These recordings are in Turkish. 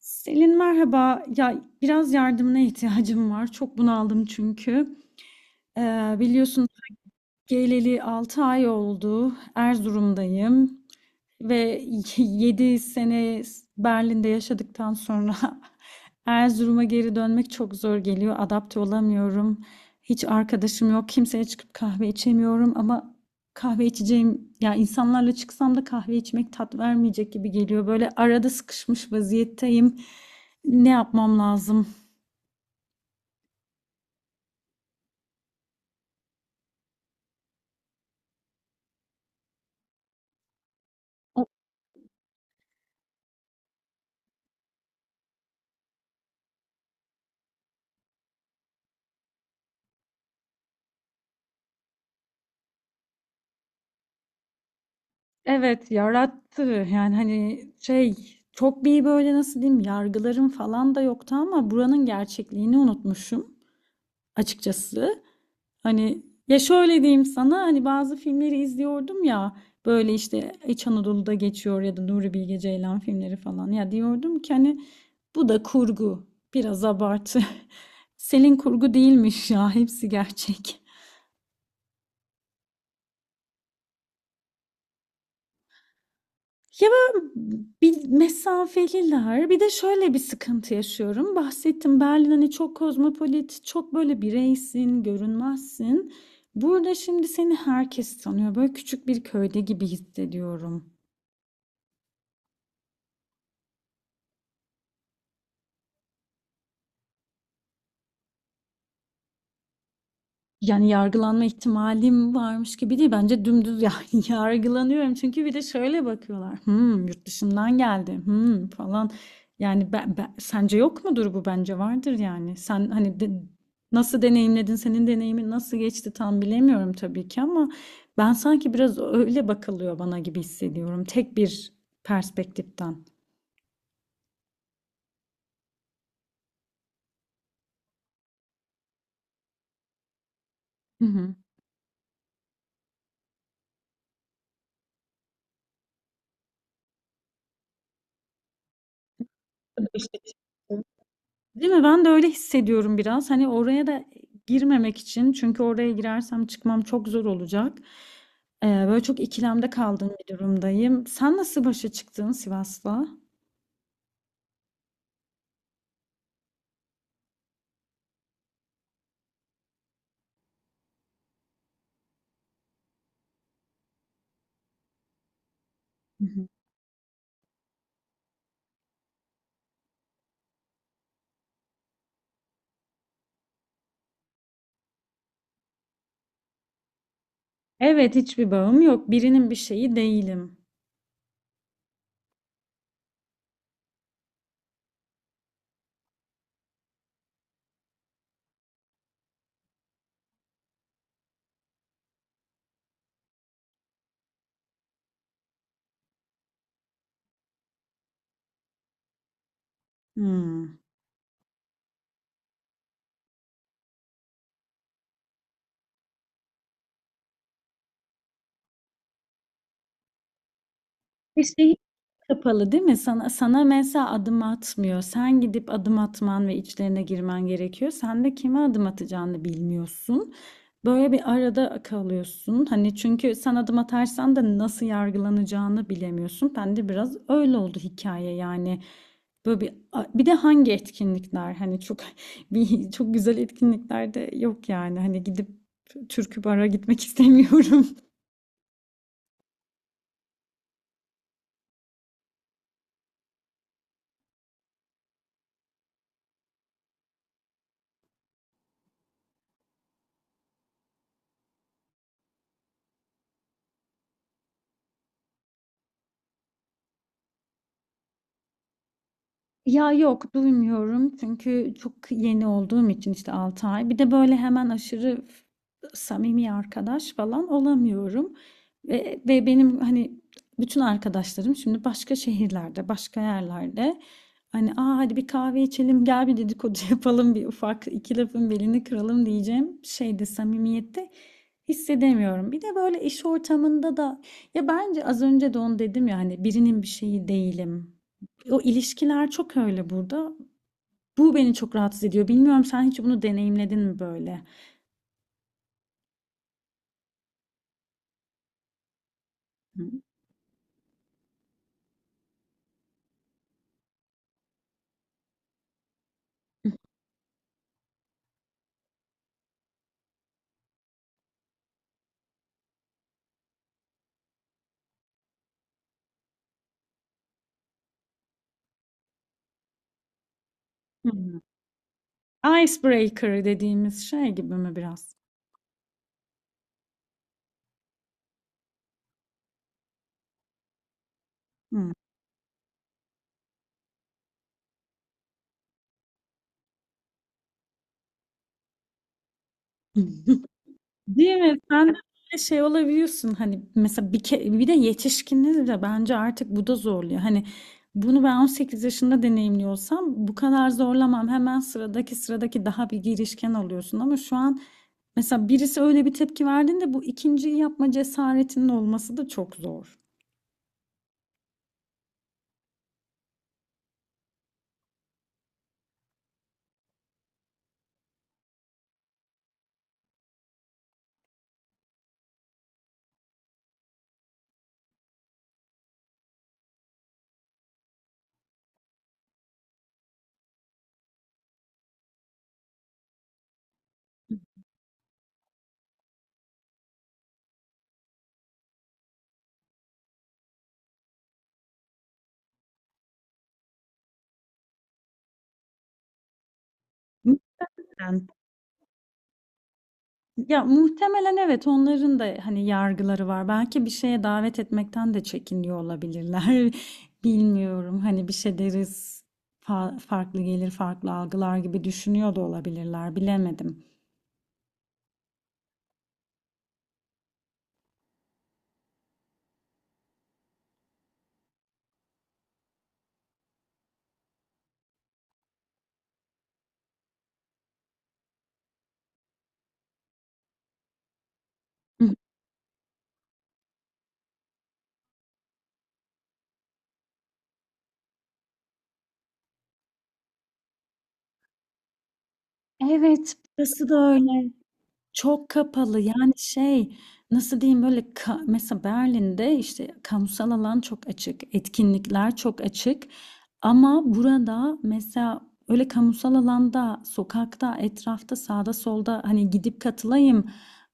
Selin merhaba. Ya biraz yardımına ihtiyacım var. Çok bunaldım çünkü. Biliyorsun geleli 6 ay oldu. Erzurum'dayım. Ve 7 sene Berlin'de yaşadıktan sonra Erzurum'a geri dönmek çok zor geliyor. Adapte olamıyorum. Hiç arkadaşım yok. Kimseye çıkıp kahve içemiyorum ama kahve içeceğim ya insanlarla çıksam da kahve içmek tat vermeyecek gibi geliyor. Böyle arada sıkışmış vaziyetteyim. Ne yapmam lazım? Evet yarattı, yani hani şey, çok bir böyle nasıl diyeyim, yargılarım falan da yoktu ama buranın gerçekliğini unutmuşum açıkçası. Hani ya şöyle diyeyim sana, hani bazı filmleri izliyordum ya, böyle işte İç Anadolu'da geçiyor ya da Nuri Bilge Ceylan filmleri falan, ya diyordum ki hani bu da kurgu, biraz abartı. Selin, kurgu değilmiş ya, hepsi gerçek. Ya, böyle bir mesafeliler. Bir de şöyle bir sıkıntı yaşıyorum. Bahsettim, Berlin, hani, çok kozmopolit, çok böyle bireysin, görünmezsin. Burada şimdi seni herkes tanıyor. Böyle küçük bir köyde gibi hissediyorum. Yani yargılanma ihtimalim varmış gibi değil. Bence dümdüz yani yargılanıyorum. Çünkü bir de şöyle bakıyorlar. Hmm, yurt dışından geldi. Hmm, falan. Yani sence yok mudur bu? Bence vardır yani. Sen hani nasıl deneyimledin? Senin deneyimin nasıl geçti tam bilemiyorum tabii ki ama ben sanki biraz öyle bakılıyor bana gibi hissediyorum. Tek bir perspektiften. Hı hı. Değil mi? Ben de öyle hissediyorum biraz. Hani oraya da girmemek için, çünkü oraya girersem çıkmam çok zor olacak. Böyle çok ikilemde kaldığım bir durumdayım. Sen nasıl başa çıktın Sivas'la? Hı hı. Evet, hiçbir bağım yok. Birinin bir şeyi değilim. Hmm. Bir şey kapalı değil mi? Sana, sana mesela adım atmıyor. Sen gidip adım atman ve içlerine girmen gerekiyor. Sen de kime adım atacağını bilmiyorsun. Böyle bir arada kalıyorsun. Hani çünkü sen adım atarsan da nasıl yargılanacağını bilemiyorsun. Ben de biraz öyle oldu hikaye yani. Böyle bir de hangi etkinlikler, hani çok bir çok güzel etkinlikler de yok yani. Hani gidip türkü bara gitmek istemiyorum. Ya yok, duymuyorum çünkü çok yeni olduğum için, işte 6 ay. Bir de böyle hemen aşırı samimi arkadaş falan olamıyorum. Ve benim hani bütün arkadaşlarım şimdi başka şehirlerde, başka yerlerde. Hani, aa, hadi bir kahve içelim, gel bir dedikodu yapalım, bir ufak iki lafın belini kıralım diyeceğim şeyde, samimiyette hissedemiyorum. Bir de böyle iş ortamında da, ya bence az önce de onu dedim ya, hani birinin bir şeyi değilim. O ilişkiler çok öyle burada. Bu beni çok rahatsız ediyor. Bilmiyorum, sen hiç bunu deneyimledin mi böyle? Hı. Hı. Icebreaker dediğimiz şey gibi mi biraz? Hı. Değil mi? Sen de böyle şey olabiliyorsun, hani mesela bir de yetişkiniz de bence artık bu da zorluyor. Hani bunu ben 18 yaşında deneyimliyorsam bu kadar zorlamam. Hemen sıradaki daha bir girişken oluyorsun ama şu an mesela birisi öyle bir tepki verdiğinde bu ikinciyi yapma cesaretinin olması da çok zor. Muhtemelen. Ya muhtemelen, evet, onların da hani yargıları var. Belki bir şeye davet etmekten de çekiniyor olabilirler. Bilmiyorum. Hani bir şey deriz, farklı gelir, farklı algılar gibi düşünüyor da olabilirler. Bilemedim. Hı. Evet, burası da öyle. Çok kapalı yani şey, nasıl diyeyim, böyle mesela Berlin'de işte kamusal alan çok açık, etkinlikler çok açık, ama burada mesela öyle kamusal alanda, sokakta, etrafta, sağda solda hani gidip katılayım,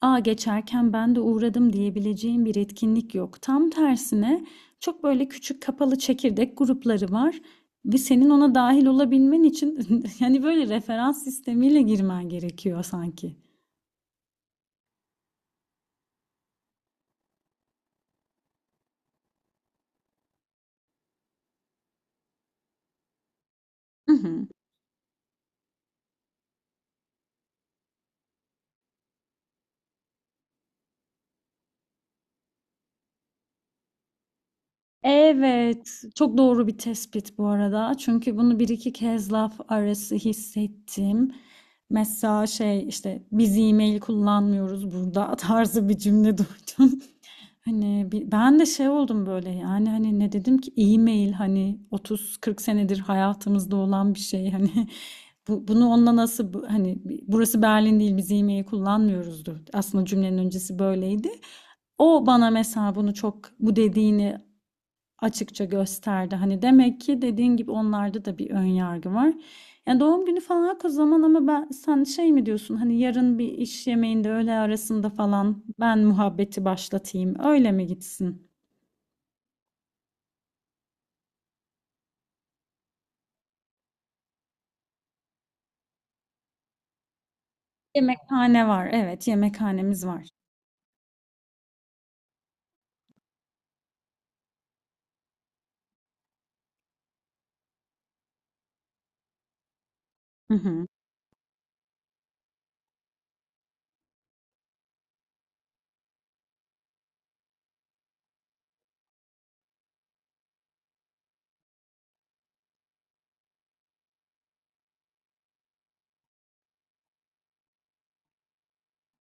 aa geçerken ben de uğradım diyebileceğim bir etkinlik yok. Tam tersine çok böyle küçük kapalı çekirdek grupları var ve senin ona dahil olabilmen için yani böyle referans sistemiyle girmen gerekiyor sanki. Hı hı. Evet, çok doğru bir tespit bu arada. Çünkü bunu bir iki kez laf arası hissettim. Mesela şey işte, biz e-mail kullanmıyoruz burada tarzı bir cümle duydum. Hani ben de şey oldum böyle, yani hani ne dedim ki, e-mail hani 30-40 senedir hayatımızda olan bir şey hani. Bunu onunla nasıl hani burası Berlin değil, biz e-mail kullanmıyoruzdur. Aslında cümlenin öncesi böyleydi. O bana mesela bunu, çok bu dediğini açıkça gösterdi. Hani demek ki dediğin gibi onlarda da bir ön yargı var. Yani doğum günü falan o zaman, ama ben, sen şey mi diyorsun, hani yarın bir iş yemeğinde öğle arasında falan ben muhabbeti başlatayım öyle mi gitsin? Yemekhane var, evet, yemekhanemiz var. Hı hı,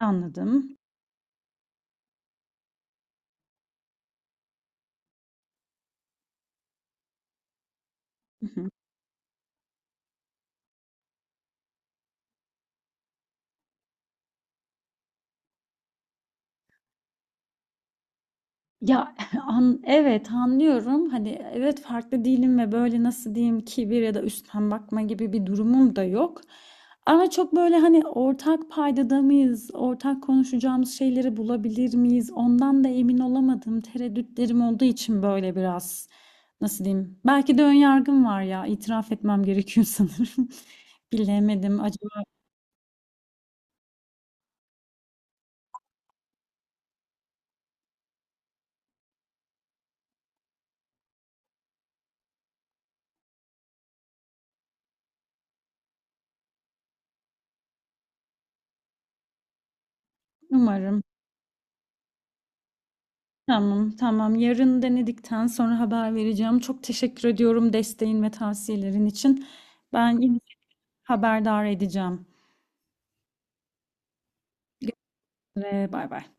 anladım. Hı hı. Ya evet, anlıyorum. Hani evet, farklı değilim ve böyle nasıl diyeyim, kibir ya da üstten bakma gibi bir durumum da yok. Ama çok böyle hani, ortak paydada mıyız, ortak konuşacağımız şeyleri bulabilir miyiz? Ondan da emin olamadım. Tereddütlerim olduğu için böyle biraz, nasıl diyeyim? Belki de ön yargım var ya. İtiraf etmem gerekiyor sanırım. Bilemedim. Acaba umarım. Tamam, tamam. Yarın denedikten sonra haber vereceğim. Çok teşekkür ediyorum desteğin ve tavsiyelerin için. Ben yine haberdar edeceğim. Görüşmek üzere, bay bay.